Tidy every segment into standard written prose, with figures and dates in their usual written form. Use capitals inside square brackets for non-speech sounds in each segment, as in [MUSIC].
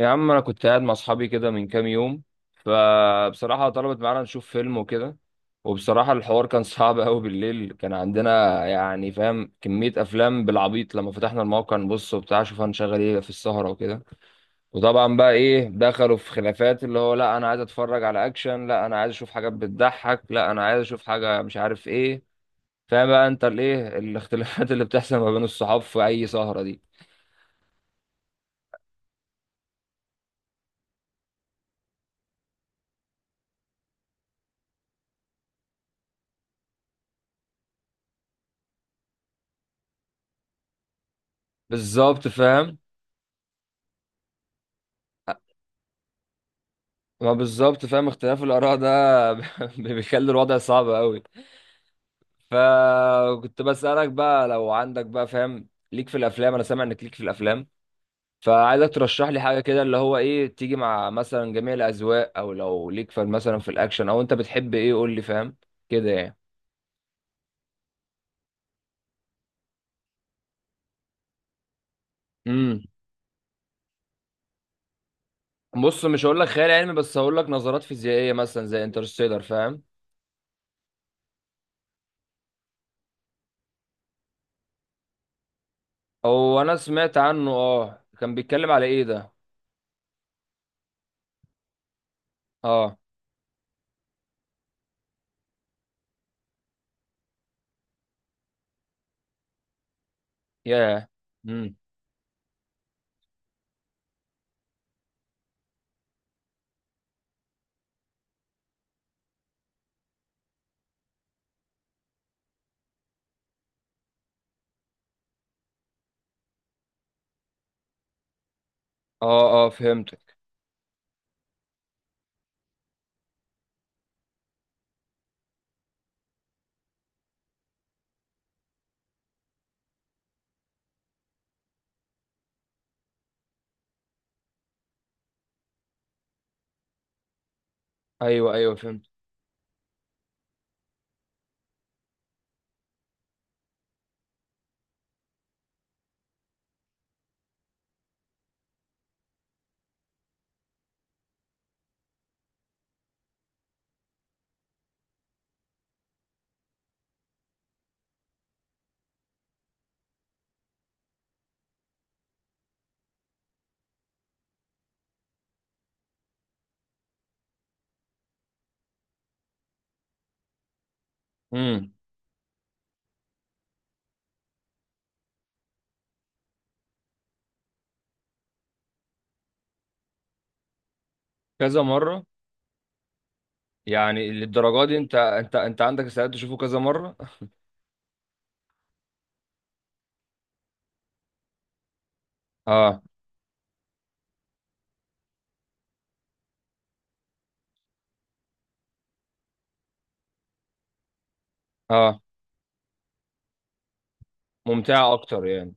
يا عم، انا كنت قاعد مع اصحابي كده من كام يوم. فبصراحة طلبت معانا نشوف فيلم وكده. وبصراحة الحوار كان [LAUGHS] صعب قوي. بالليل كان عندنا، يعني فاهم، كمية افلام بالعبيط. لما فتحنا الموقع نبص وبتاع، شوف هنشغل ايه في السهرة وكده. وطبعا بقى ايه، دخلوا في خلافات، اللي هو لا انا عايز اتفرج على اكشن، لا انا عايز اشوف حاجات بتضحك، لا انا عايز اشوف حاجة مش عارف ايه. فاهم بقى انت الايه؟ الاختلافات اللي بتحصل ما بين الصحاب في اي سهرة دي. بالظبط فاهم. ما بالظبط فاهم، اختلاف الآراء ده [LAUGHS] بيخلي الوضع صعب قوي. فكنت بسألك بقى، لو عندك بقى فاهم ليك في الأفلام، أنا سامع إنك ليك في الأفلام. فعايزك ترشح لي حاجة كده، اللي هو إيه، تيجي مع مثلا جميع الأذواق، أو لو ليك في مثلا في الأكشن، أو أنت بتحب إيه، قول لي فاهم كده يعني. امم. بص، مش هقول لك خيال علمي، بس هقول لك نظرات فيزيائية مثلا زي انترستيلر. فاهم؟ هو أنا سمعت عنه. أه، كان بيتكلم على إيه ده؟ أه. ياه. امم. اه اه، فهمت. ايوه ايوه، فهمت. امم. كذا مره. يعني للدرجه دي انت عندك استعداد تشوفه كذا مره؟ اه اه. ممتعه اكتر يعني.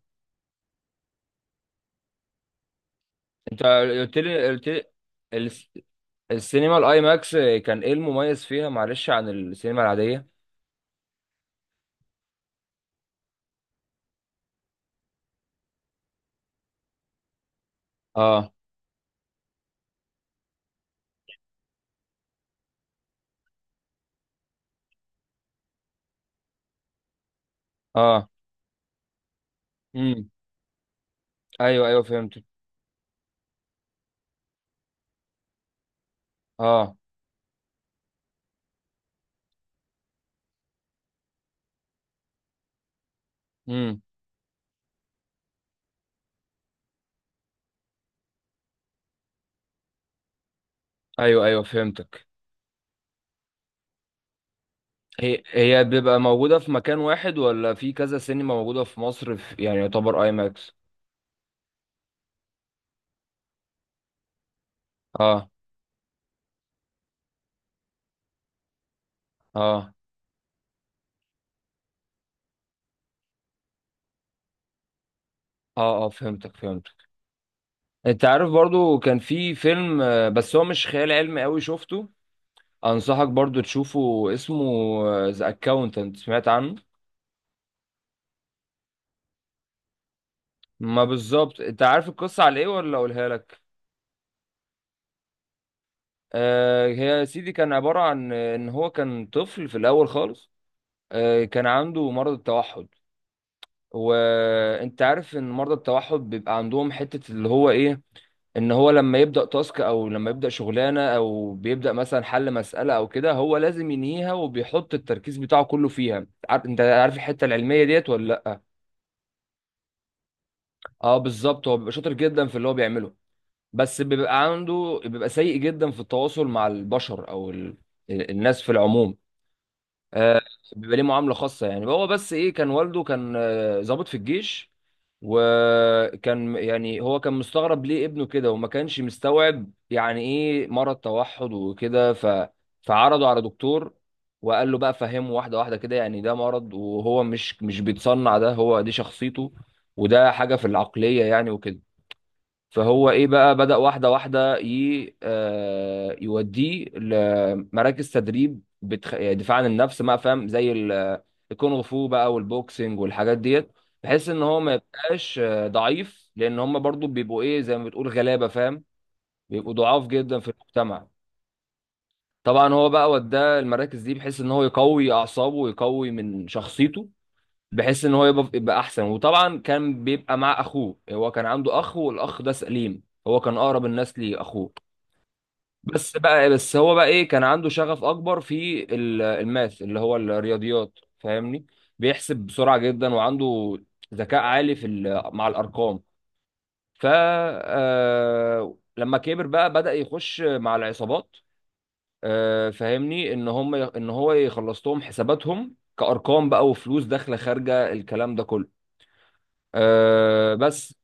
انت قلت لي. الس- السينما الاي ماكس كان ايه المميز فيها؟ معلش، عن السينما العاديه. اه. اه. امم. ايوه ايوه، فهمتك. اه. امم. ايوه ايوه، فهمتك. هي بيبقى موجوده في مكان واحد ولا في كذا سينما موجوده في مصر؟ في يعني يعتبر اي ماكس. اه اه. اه اه، فهمتك فهمتك. انت عارف برضو كان في فيلم، بس هو مش خيال علمي قوي، شفته. انصحك برضو تشوفه، اسمه ذا اكاونتنت. سمعت عنه؟ ما بالظبط، انت عارف القصة على ايه ولا اقولها لك؟ آه، هي يا سيدي كان عبارة عن، ان هو كان طفل في الاول خالص. آه، كان عنده مرض التوحد. وانت عارف ان مرضى التوحد بيبقى عندهم حتة اللي هو ايه. ان هو لما يبدا تاسك، او لما يبدا شغلانه، او بيبدا مثلا حل مساله او كده، هو لازم ينهيها وبيحط التركيز بتاعه كله فيها. انت عارف الحته العلميه ديت ولا لا؟ اه بالظبط، هو بيبقى شاطر جدا في اللي هو بيعمله. بس بيبقى سيء جدا في التواصل مع البشر، او الناس في العموم. آه، بيبقى ليه معاملة خاصة يعني. هو بس ايه، كان والده كان، ضابط في الجيش. وكان يعني هو كان مستغرب ليه ابنه كده، وما كانش مستوعب يعني ايه مرض توحد وكده. فعرضه على دكتور. وقال له بقى فهمه واحدة واحدة كده، يعني ده مرض وهو مش بيتصنع، ده هو دي شخصيته. وده حاجة في العقلية يعني وكده. فهو ايه بقى، بدأ واحدة واحدة ي... آه، يوديه لمراكز تدريب، يعني دفاع عن النفس بقى. فاهم؟ زي الكونغ فو بقى والبوكسنج والحاجات ديت. بحيث ان هو ما يبقاش ضعيف، لان هم برضو بيبقوا ايه، زي ما بتقول غلابة. فاهم؟ بيبقوا ضعاف جدا في المجتمع. طبعا هو بقى وداه المراكز دي بحيث ان هو يقوي اعصابه ويقوي من شخصيته، بحيث ان هو يبقى احسن. وطبعا كان بيبقى مع اخوه. هو كان عنده اخ، والاخ ده سليم، هو كان اقرب الناس لاخوه. بس هو بقى ايه، كان عنده شغف اكبر في الماث اللي هو الرياضيات. فاهمني؟ بيحسب بسرعة جدا، وعنده ذكاء عالي في مع الارقام. ف آه، لما كبر بقى بدأ يخش مع العصابات. فاهمني، ان هو يخلص لهم حساباتهم كارقام بقى، وفلوس داخله خارجه الكلام ده كله. أه بس،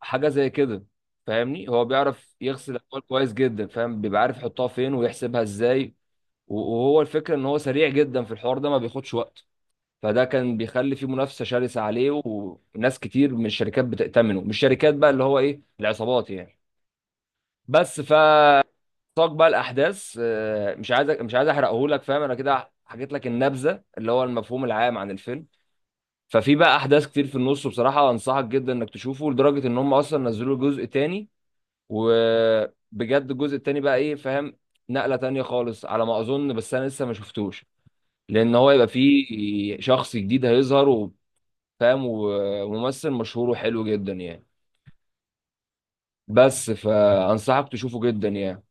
حاجه زي كده. فاهمني، هو بيعرف يغسل الاموال كويس جدا. فاهم؟ بيبقى عارف يحطها فين ويحسبها ازاي. وهو الفكره ان هو سريع جدا في الحوار ده، ما بياخدش وقت. فده كان بيخلي فيه منافسه شرسه عليه. وناس كتير من الشركات بتأتمنه، مش شركات بقى، اللي هو ايه، العصابات يعني. بس ف ساق بقى الاحداث. مش عايز، احرقه لك. فاهم؟ انا كده حكيت لك النبذه اللي هو المفهوم العام عن الفيلم. ففي بقى احداث كتير في النص، بصراحه انصحك جدا انك تشوفه، لدرجه ان هم اصلا نزلوا جزء تاني. وبجد الجزء التاني بقى ايه، فاهم، نقله تانيه خالص على ما اظن. بس انا لسه ما شفتوش. لان هو يبقى فيه شخص جديد هيظهر، وفاهم، وممثل مشهور وحلو جدا يعني. بس فانصحك تشوفه جدا يعني.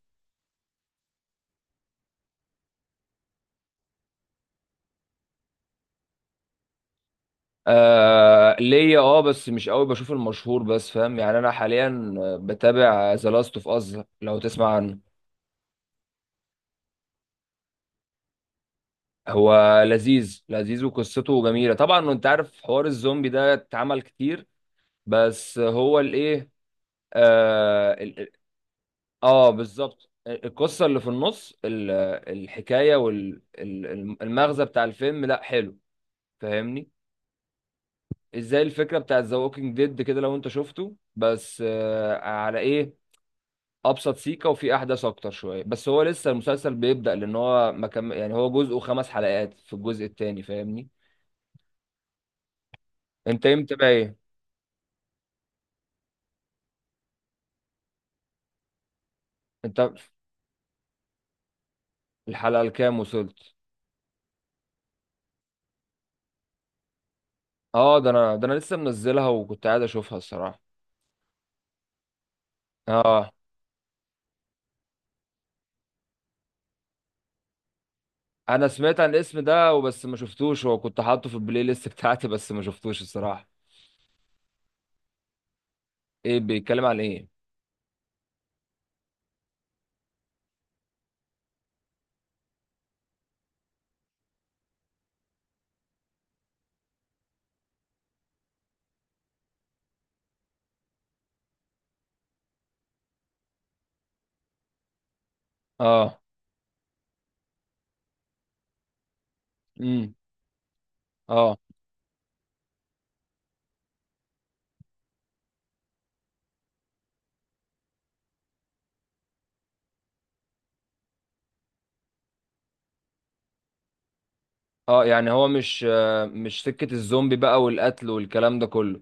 آه ليا اه، بس مش قوي بشوف المشهور بس. فاهم يعني، انا حاليا بتابع ذا لاست اوف اس، لو تسمع عنه. هو لذيذ لذيذ، وقصته جميلة طبعا. انت عارف حوار الزومبي ده اتعمل كتير، بس هو الايه، اه, ال- ال- آه بالظبط. القصة اللي في النص، الحكاية والمغزى بتاع الفيلم، لا حلو. فاهمني؟ ازاي الفكرة بتاعت ذا ووكينج ديد كده، لو انت شفته. بس على ايه، ابسط سيكة وفي احداث اكتر شوية. بس هو لسه المسلسل بيبدأ، لان هو مكمل يعني. هو جزءه 5 حلقات في الجزء التاني. فاهمني؟ انت امتى بقى ايه، انت الحلقة الكام وصلت؟ اه، ده انا لسه منزلها وكنت قاعد اشوفها الصراحة. اه، انا سمعت عن الاسم ده وبس، ما شفتوش. هو كنت حاطه في البلاي ليست [LAUGHS] بتاعتي، بس ما شفتوش الصراحة. ايه بيتكلم عن ايه؟ اه. امم. اه اه. يعني هو مش سكة الزومبي بقى والقتل والكلام ده كله؟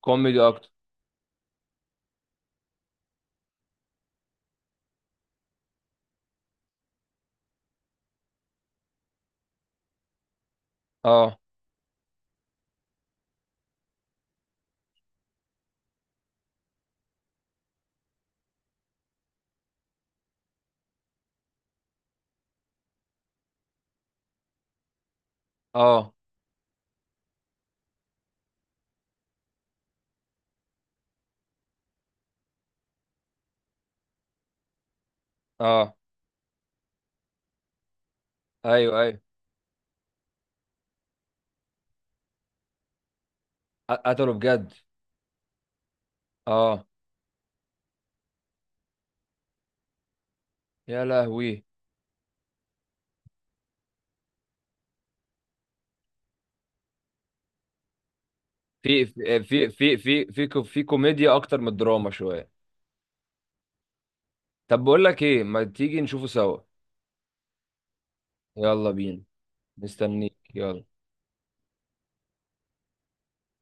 كوميدي اكتر؟ اه اه اه. ايوه ايوه. قتلوا بجد؟ اه. يا لهوي. في كوميديا اكتر من الدراما شوية. طب بقول لك ايه، ما تيجي نشوفه سوا؟ يلا بينا. مستنيك، يلا.